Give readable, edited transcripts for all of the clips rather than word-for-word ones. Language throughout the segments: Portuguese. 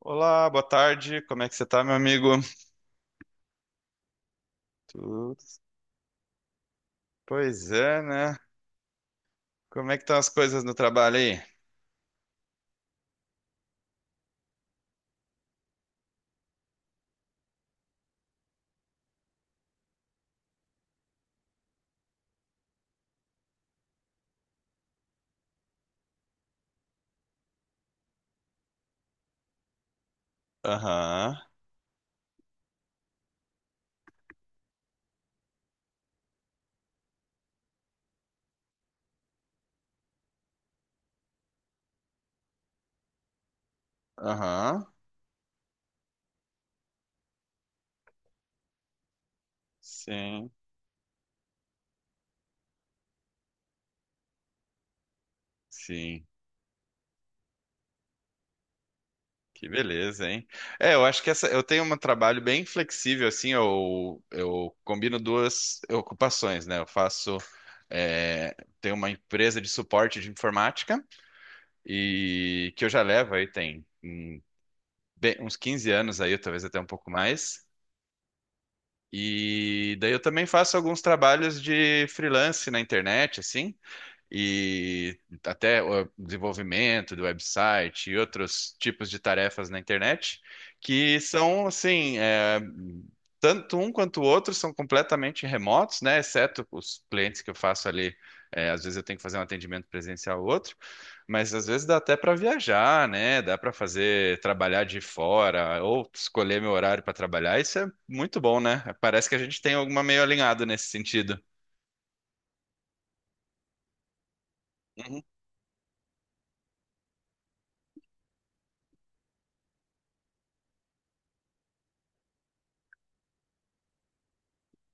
Olá, boa tarde. Como é que você tá, meu amigo? Tudo. Pois é, né? Como é que estão as coisas no trabalho aí? Aham, aham. Sim, sim. Que beleza, hein? É, eu acho que essa, eu tenho um trabalho bem flexível, assim, eu combino duas ocupações, né? Eu faço, é, tenho uma empresa de suporte de informática e que eu já levo aí tem uns 15 anos aí, talvez até um pouco mais. E daí eu também faço alguns trabalhos de freelance na internet, assim e até o desenvolvimento do website e outros tipos de tarefas na internet, que são assim, tanto um quanto o outro são completamente remotos, né? Exceto os clientes que eu faço ali. Às vezes eu tenho que fazer um atendimento presencial ou outro, mas às vezes dá até para viajar, né? Dá para fazer trabalhar de fora ou escolher meu horário para trabalhar. Isso é muito bom, né? Parece que a gente tem alguma meio alinhado nesse sentido. Uhum.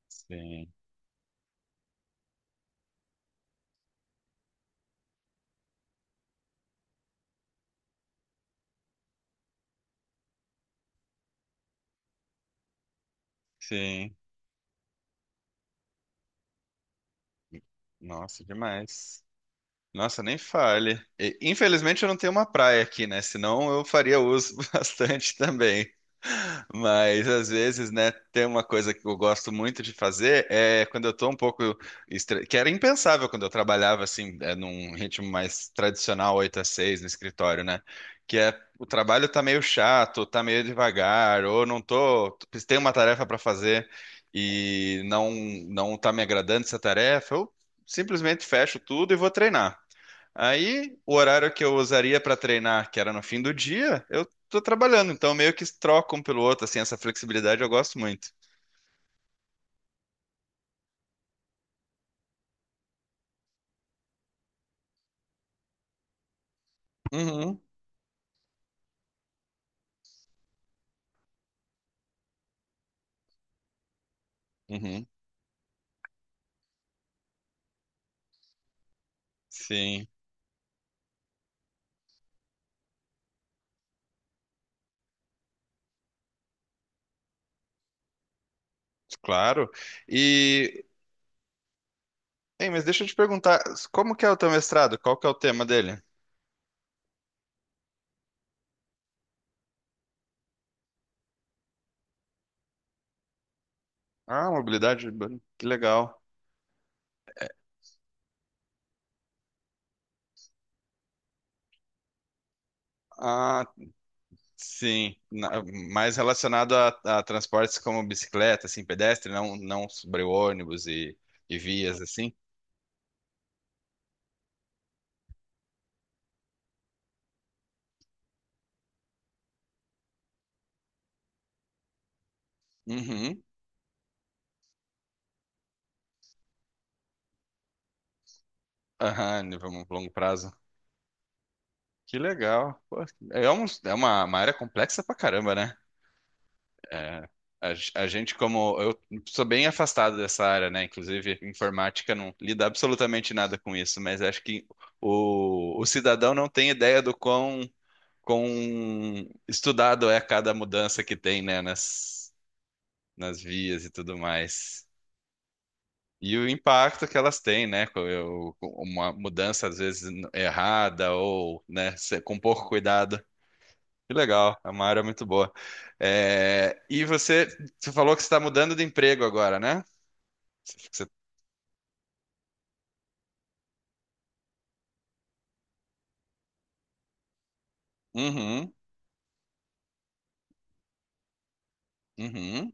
Sim, sim. Nossa, demais. Nossa, nem fale. E, infelizmente eu não tenho uma praia aqui, né? Senão eu faria uso bastante também. Mas às vezes, né, tem uma coisa que eu gosto muito de fazer é quando eu tô um pouco que era impensável quando eu trabalhava assim, é, num ritmo mais tradicional, 8 a 6 no escritório, né? Que é o trabalho tá meio chato, tá meio devagar, ou não tô, tem uma tarefa para fazer e não tá me agradando essa tarefa, eu simplesmente fecho tudo e vou treinar. Aí, o horário que eu usaria para treinar, que era no fim do dia, eu tô trabalhando, então meio que troca um pelo outro, assim, essa flexibilidade eu gosto muito. Uhum, uhum, sim, claro. E, hein, mas deixa eu te perguntar, como que é o teu mestrado? Qual que é o tema dele? Ah, mobilidade, urbana, que legal. Ah, sim, mais relacionado a transportes como bicicleta, assim, pedestre, não, não sobre ônibus e vias, assim. Uhum, aham, nível longo prazo. Que legal. Pô, é uma área complexa pra caramba, né? É, a gente, como eu sou bem afastado dessa área, né? Inclusive, informática não lida absolutamente nada com isso, mas acho que o cidadão não tem ideia do quão, estudado é cada mudança que tem, né? Nas, nas vias e tudo mais. E o impacto que elas têm, né? Com uma mudança, às vezes, errada ou, né, com pouco cuidado. Que legal, é uma área muito boa. É, e você, você falou que você está mudando de emprego agora, né? Você- você- uhum, uhum,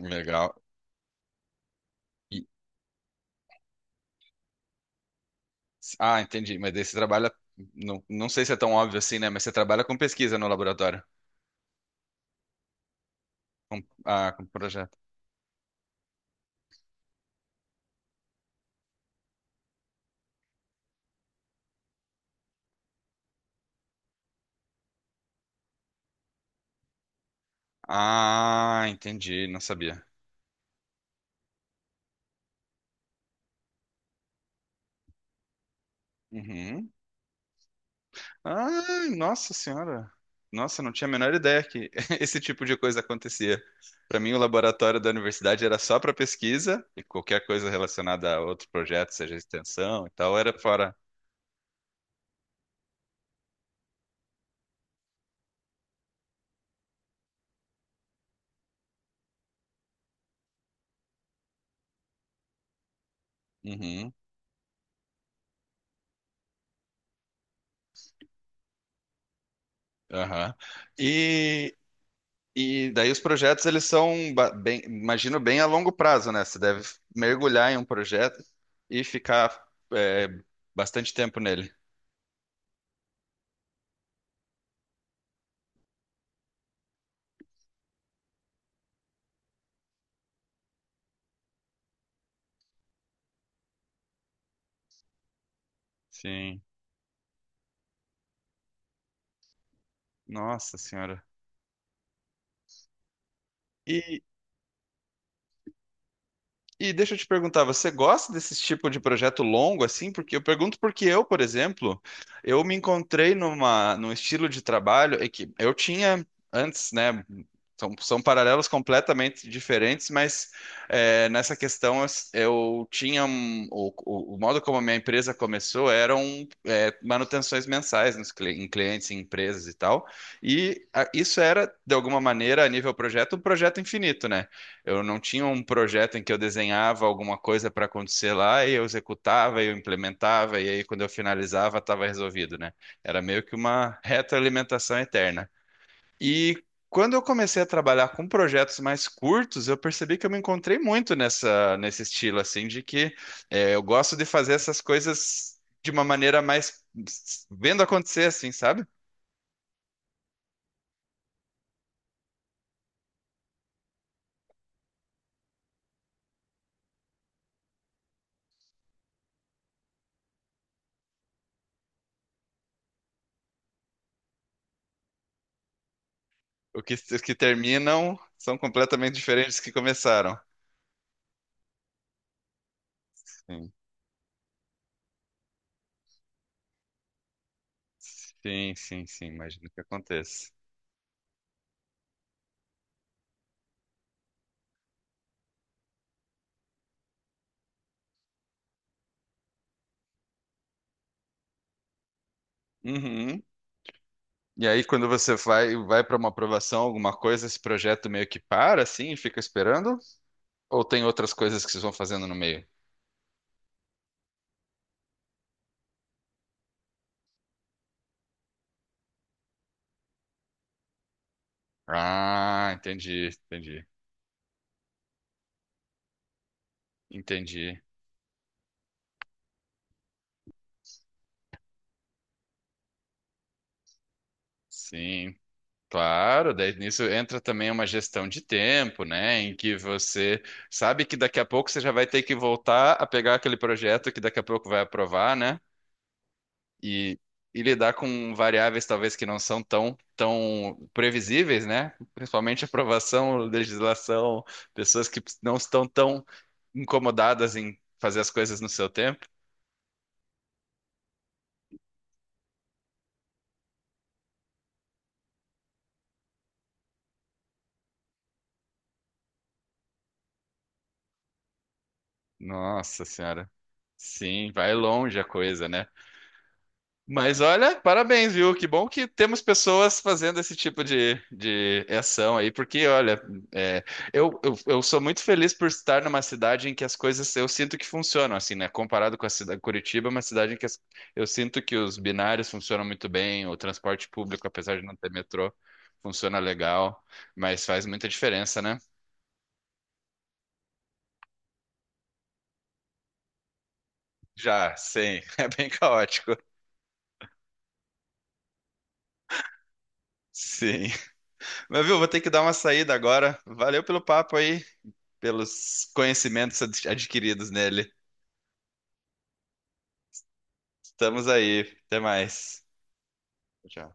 legal. E- ah, entendi. Mas daí você trabalha, não, não sei se é tão óbvio assim, né? Mas você trabalha com pesquisa no laboratório, com projeto. Ah, entendi, não sabia. Uhum. Ah, nossa senhora. Nossa, não tinha a menor ideia que esse tipo de coisa acontecia. Para mim, o laboratório da universidade era só para pesquisa e qualquer coisa relacionada a outro projeto, seja extensão e tal, era fora. Uhum, aham. E, e daí os projetos, eles são, bem, imagino, bem a longo prazo, né? Você deve mergulhar em um projeto e ficar, é, bastante tempo nele. Sim. Nossa senhora. E deixa eu te perguntar, você gosta desse tipo de projeto longo assim? Porque eu pergunto porque eu, por exemplo, eu me encontrei num estilo de trabalho é que eu tinha antes, né? São, são paralelos completamente diferentes, mas nessa questão eu tinha o modo como a minha empresa começou eram manutenções mensais em clientes, em empresas e tal. E isso era, de alguma maneira, a nível projeto, um projeto infinito, né? Eu não tinha um projeto em que eu desenhava alguma coisa para acontecer lá e eu executava e eu implementava e aí quando eu finalizava estava resolvido, né? Era meio que uma retroalimentação eterna. E quando eu comecei a trabalhar com projetos mais curtos, eu percebi que eu me encontrei muito nessa nesse estilo assim de que eu gosto de fazer essas coisas de uma maneira mais vendo acontecer assim, sabe? O que, os que terminam são completamente diferentes dos que começaram. Sim, sim, sim, imagino que aconteça. Uhum. E aí, quando você vai para uma aprovação, alguma coisa, esse projeto meio que para, assim, e fica esperando? Ou tem outras coisas que vocês vão fazendo no meio? Ah, entendi, entendi, entendi. Sim, claro. Daí nisso entra também uma gestão de tempo, né? Em que você sabe que daqui a pouco você já vai ter que voltar a pegar aquele projeto que daqui a pouco vai aprovar, né? e, e lidar com variáveis talvez que não são tão, tão previsíveis, né? Principalmente aprovação, legislação, pessoas que não estão tão incomodadas em fazer as coisas no seu tempo. Nossa Senhora. Sim, vai longe a coisa, né? Mas olha, parabéns, viu? Que bom que temos pessoas fazendo esse tipo de ação aí, porque olha, é, eu sou muito feliz por estar numa cidade em que as coisas eu sinto que funcionam, assim, né? Comparado com a cidade Curitiba, é uma cidade em que eu sinto que os binários funcionam muito bem, o transporte público, apesar de não ter metrô, funciona legal, mas faz muita diferença, né? Já, sim, é bem caótico. Sim. Mas viu, vou ter que dar uma saída agora. Valeu pelo papo aí. Pelos conhecimentos adquiridos nele. Estamos aí. Até mais. Tchau.